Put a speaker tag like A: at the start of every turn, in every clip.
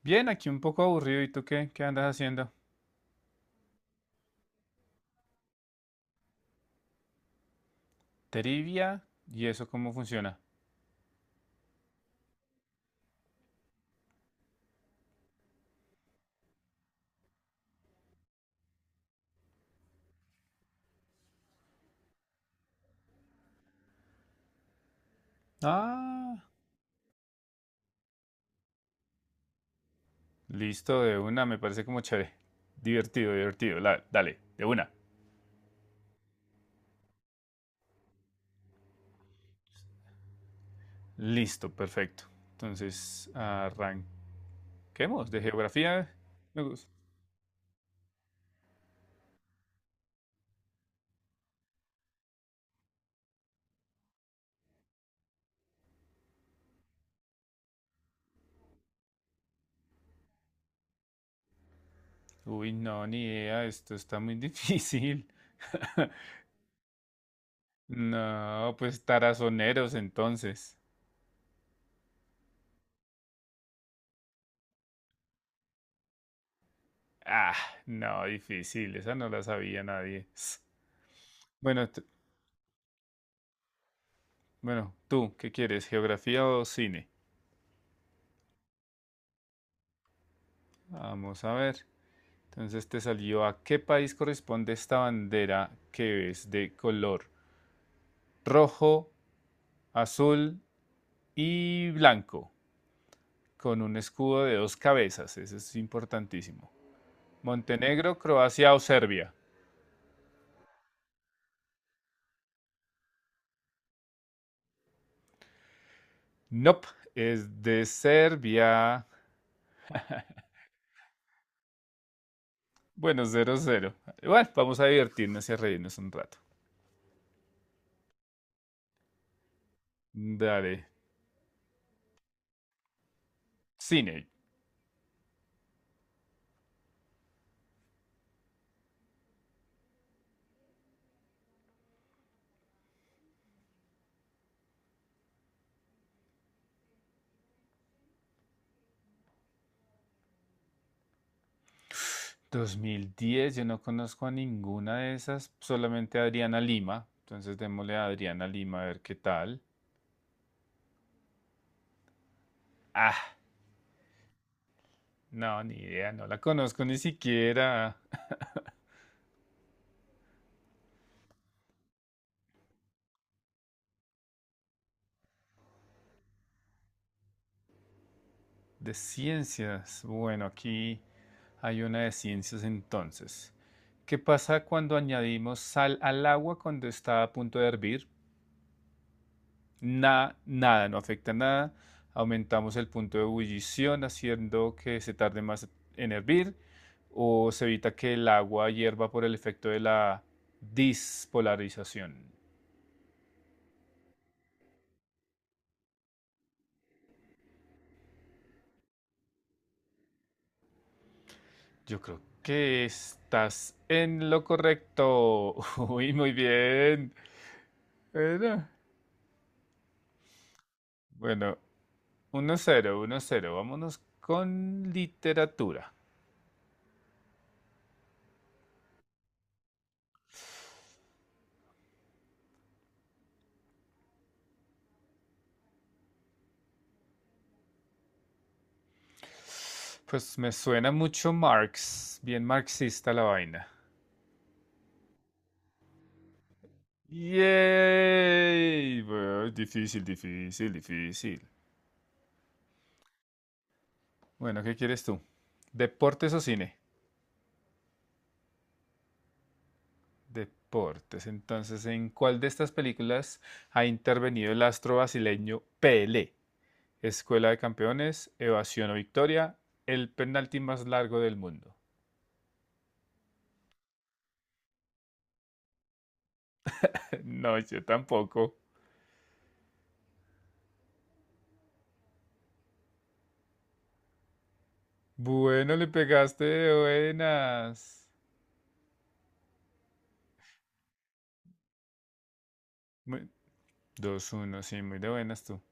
A: Bien, aquí un poco aburrido. ¿Y tú qué? ¿Qué andas haciendo? Trivia. ¿Y eso cómo funciona? Ah, listo, de una. Me parece como chévere. Divertido, divertido. Dale, de una. Listo, perfecto. Entonces, arranquemos. De geografía. Me gusta. Uy, no, ni idea. Esto está muy difícil. No, pues tarazoneros entonces. Ah, no, difícil. Esa no la sabía nadie. Bueno, t- Bueno, tú, ¿qué quieres? ¿Geografía o cine? Vamos a ver. Entonces te salió a qué país corresponde esta bandera que es de color rojo, azul y blanco, con un escudo de dos cabezas. Eso es importantísimo. Montenegro, Croacia o Serbia. Nope, es de Serbia. Bueno, 0-0. Bueno, vamos a divertirnos y a reírnos un rato. Dale. Cine. 2010, yo no conozco a ninguna de esas, solamente a Adriana Lima. Entonces démosle a Adriana Lima a ver qué tal. Ah, no, ni idea, no la conozco ni siquiera. De ciencias. Bueno, aquí hay una de ciencias entonces. ¿Qué pasa cuando añadimos sal al agua cuando está a punto de hervir? Nada, nada, no afecta nada. Aumentamos el punto de ebullición haciendo que se tarde más en hervir, o se evita que el agua hierva por el efecto de la dispolarización. Yo creo que estás en lo correcto. Uy, muy bien. Bueno, 1-0, 1-0. Vámonos con literatura. Pues me suena mucho Marx, bien marxista la vaina. Yay. Bueno, difícil, difícil, difícil. Bueno, ¿qué quieres tú? ¿Deportes o cine? Deportes. Entonces, ¿en cuál de estas películas ha intervenido el astro brasileño Pelé? Escuela de Campeones, Evasión o Victoria, el penalti más largo del mundo. No, yo tampoco. Bueno, le pegaste de buenas. Muy- 2-1, sí, muy de buenas tú.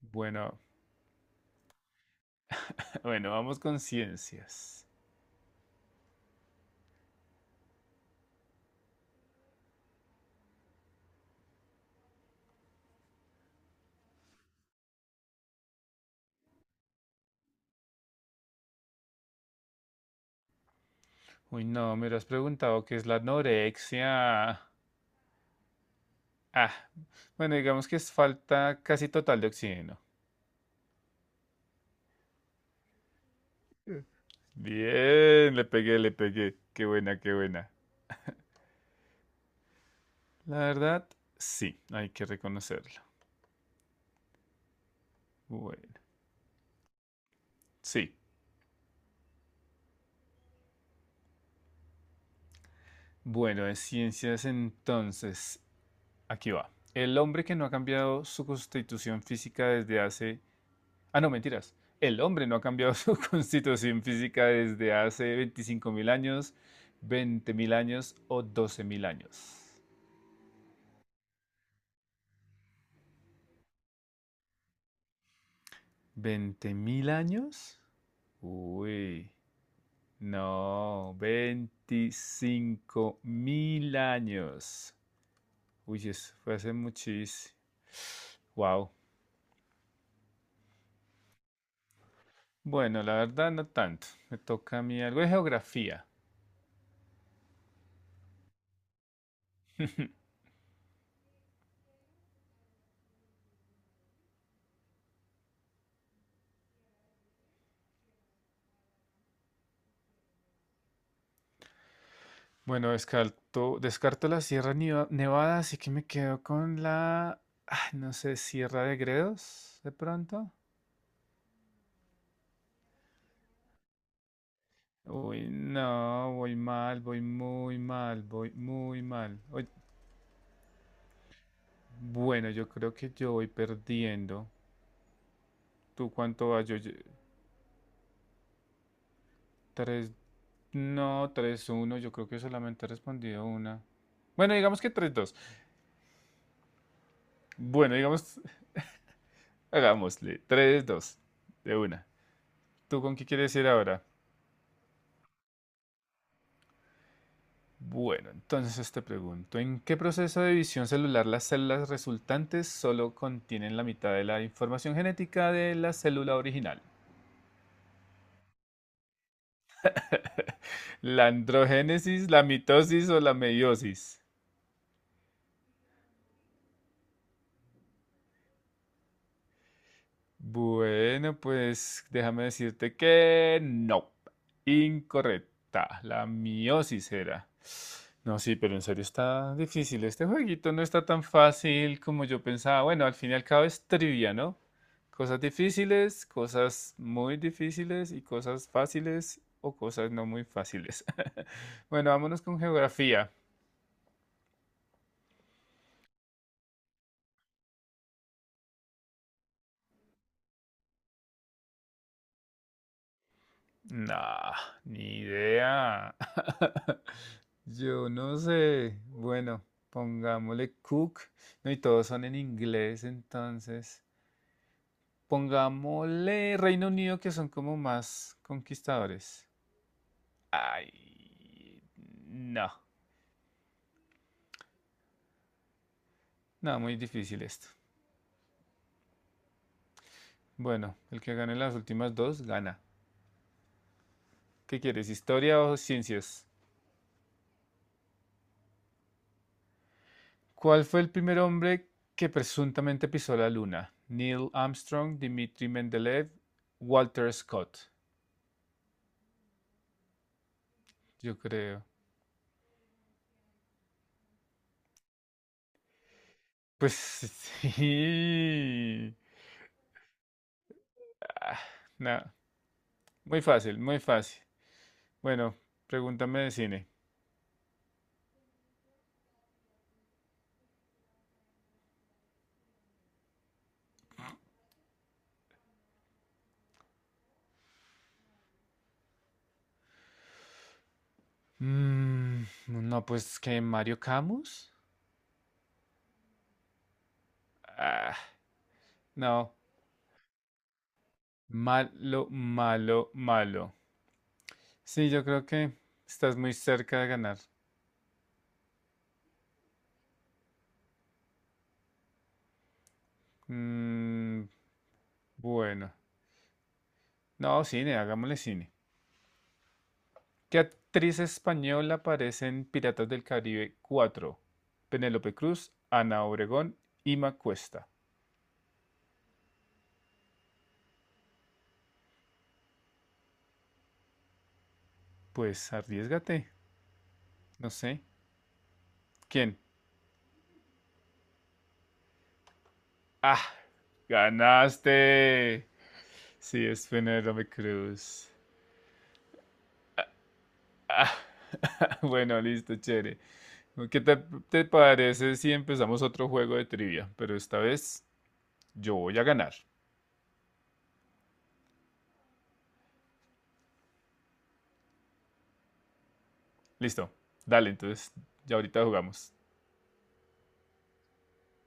A: Bueno, bueno, vamos con ciencias. Uy, no, me has preguntado qué es la anorexia. Ah, bueno, digamos que es falta casi total de oxígeno. Bien, le pegué, le pegué. Qué buena, qué buena. La verdad, sí, hay que reconocerlo. Bueno, sí. Bueno, de ciencias entonces, aquí va. El hombre que no ha cambiado su constitución física desde hace Ah, no, mentiras. El hombre no ha cambiado su constitución física desde hace 25.000 años, 20.000 años o 12.000 años. ¿Veinte mil años? Uy, no, 25.000 años. Uy, eso fue hace muchísimo. Wow. Bueno, la verdad no tanto. Me toca a mí algo de geografía. Bueno, descarto, descarto la Nevada, así que me quedo con la, ah, no sé, Sierra de Gredos, de pronto. Uy, no, voy mal, voy muy mal, voy muy mal. Bueno, yo creo que yo voy perdiendo. ¿Tú cuánto vas? Tres, no, 3-1. Yo creo que solamente he respondido una. Bueno, digamos que 3-2. Bueno, digamos, hagámosle, 3-2, de una. ¿Tú con qué quieres ir ahora? Bueno, entonces te pregunto, ¿en qué proceso de división celular las células resultantes solo contienen la mitad de la información genética de la célula original? ¿La androgénesis, la mitosis o la meiosis? Bueno, pues déjame decirte que no. Incorrecta. La miosis era. No, sí, pero en serio está difícil. Este jueguito no está tan fácil como yo pensaba. Bueno, al fin y al cabo es trivia, ¿no? Cosas difíciles, cosas muy difíciles y cosas fáciles o cosas no muy fáciles. Bueno, vámonos con geografía. No, ni idea. Yo no sé. Bueno, pongámosle Cook. No, y todos son en inglés, entonces. Pongámosle Reino Unido, que son como más conquistadores. Ay, no. No, muy difícil esto. Bueno, el que gane las últimas dos gana. ¿Qué quieres, historia o ciencias? ¿Cuál fue el primer hombre que presuntamente pisó la luna? Neil Armstrong, Dmitri Mendeleev, Walter Scott. Yo creo. Pues sí. Nada, muy fácil, muy fácil. Bueno, pregúntame de cine. Mm, no, pues que Mario Camus. Ah, no, malo, malo, malo. Sí, yo creo que estás muy cerca de ganar. Mm, bueno, no, cine, hagámosle cine. ¿Qué actriz española aparece en Piratas del Caribe 4? Penélope Cruz, Ana Obregón, Ima Cuesta. Pues arriesgate. No sé. ¿Quién? Ah, ganaste. Sí, es Penélope Cruz. Ah, bueno, listo, chévere. ¿Qué te, ¿Te parece si empezamos otro juego de trivia? Pero esta vez yo voy a ganar. Listo. Dale, entonces ya ahorita jugamos.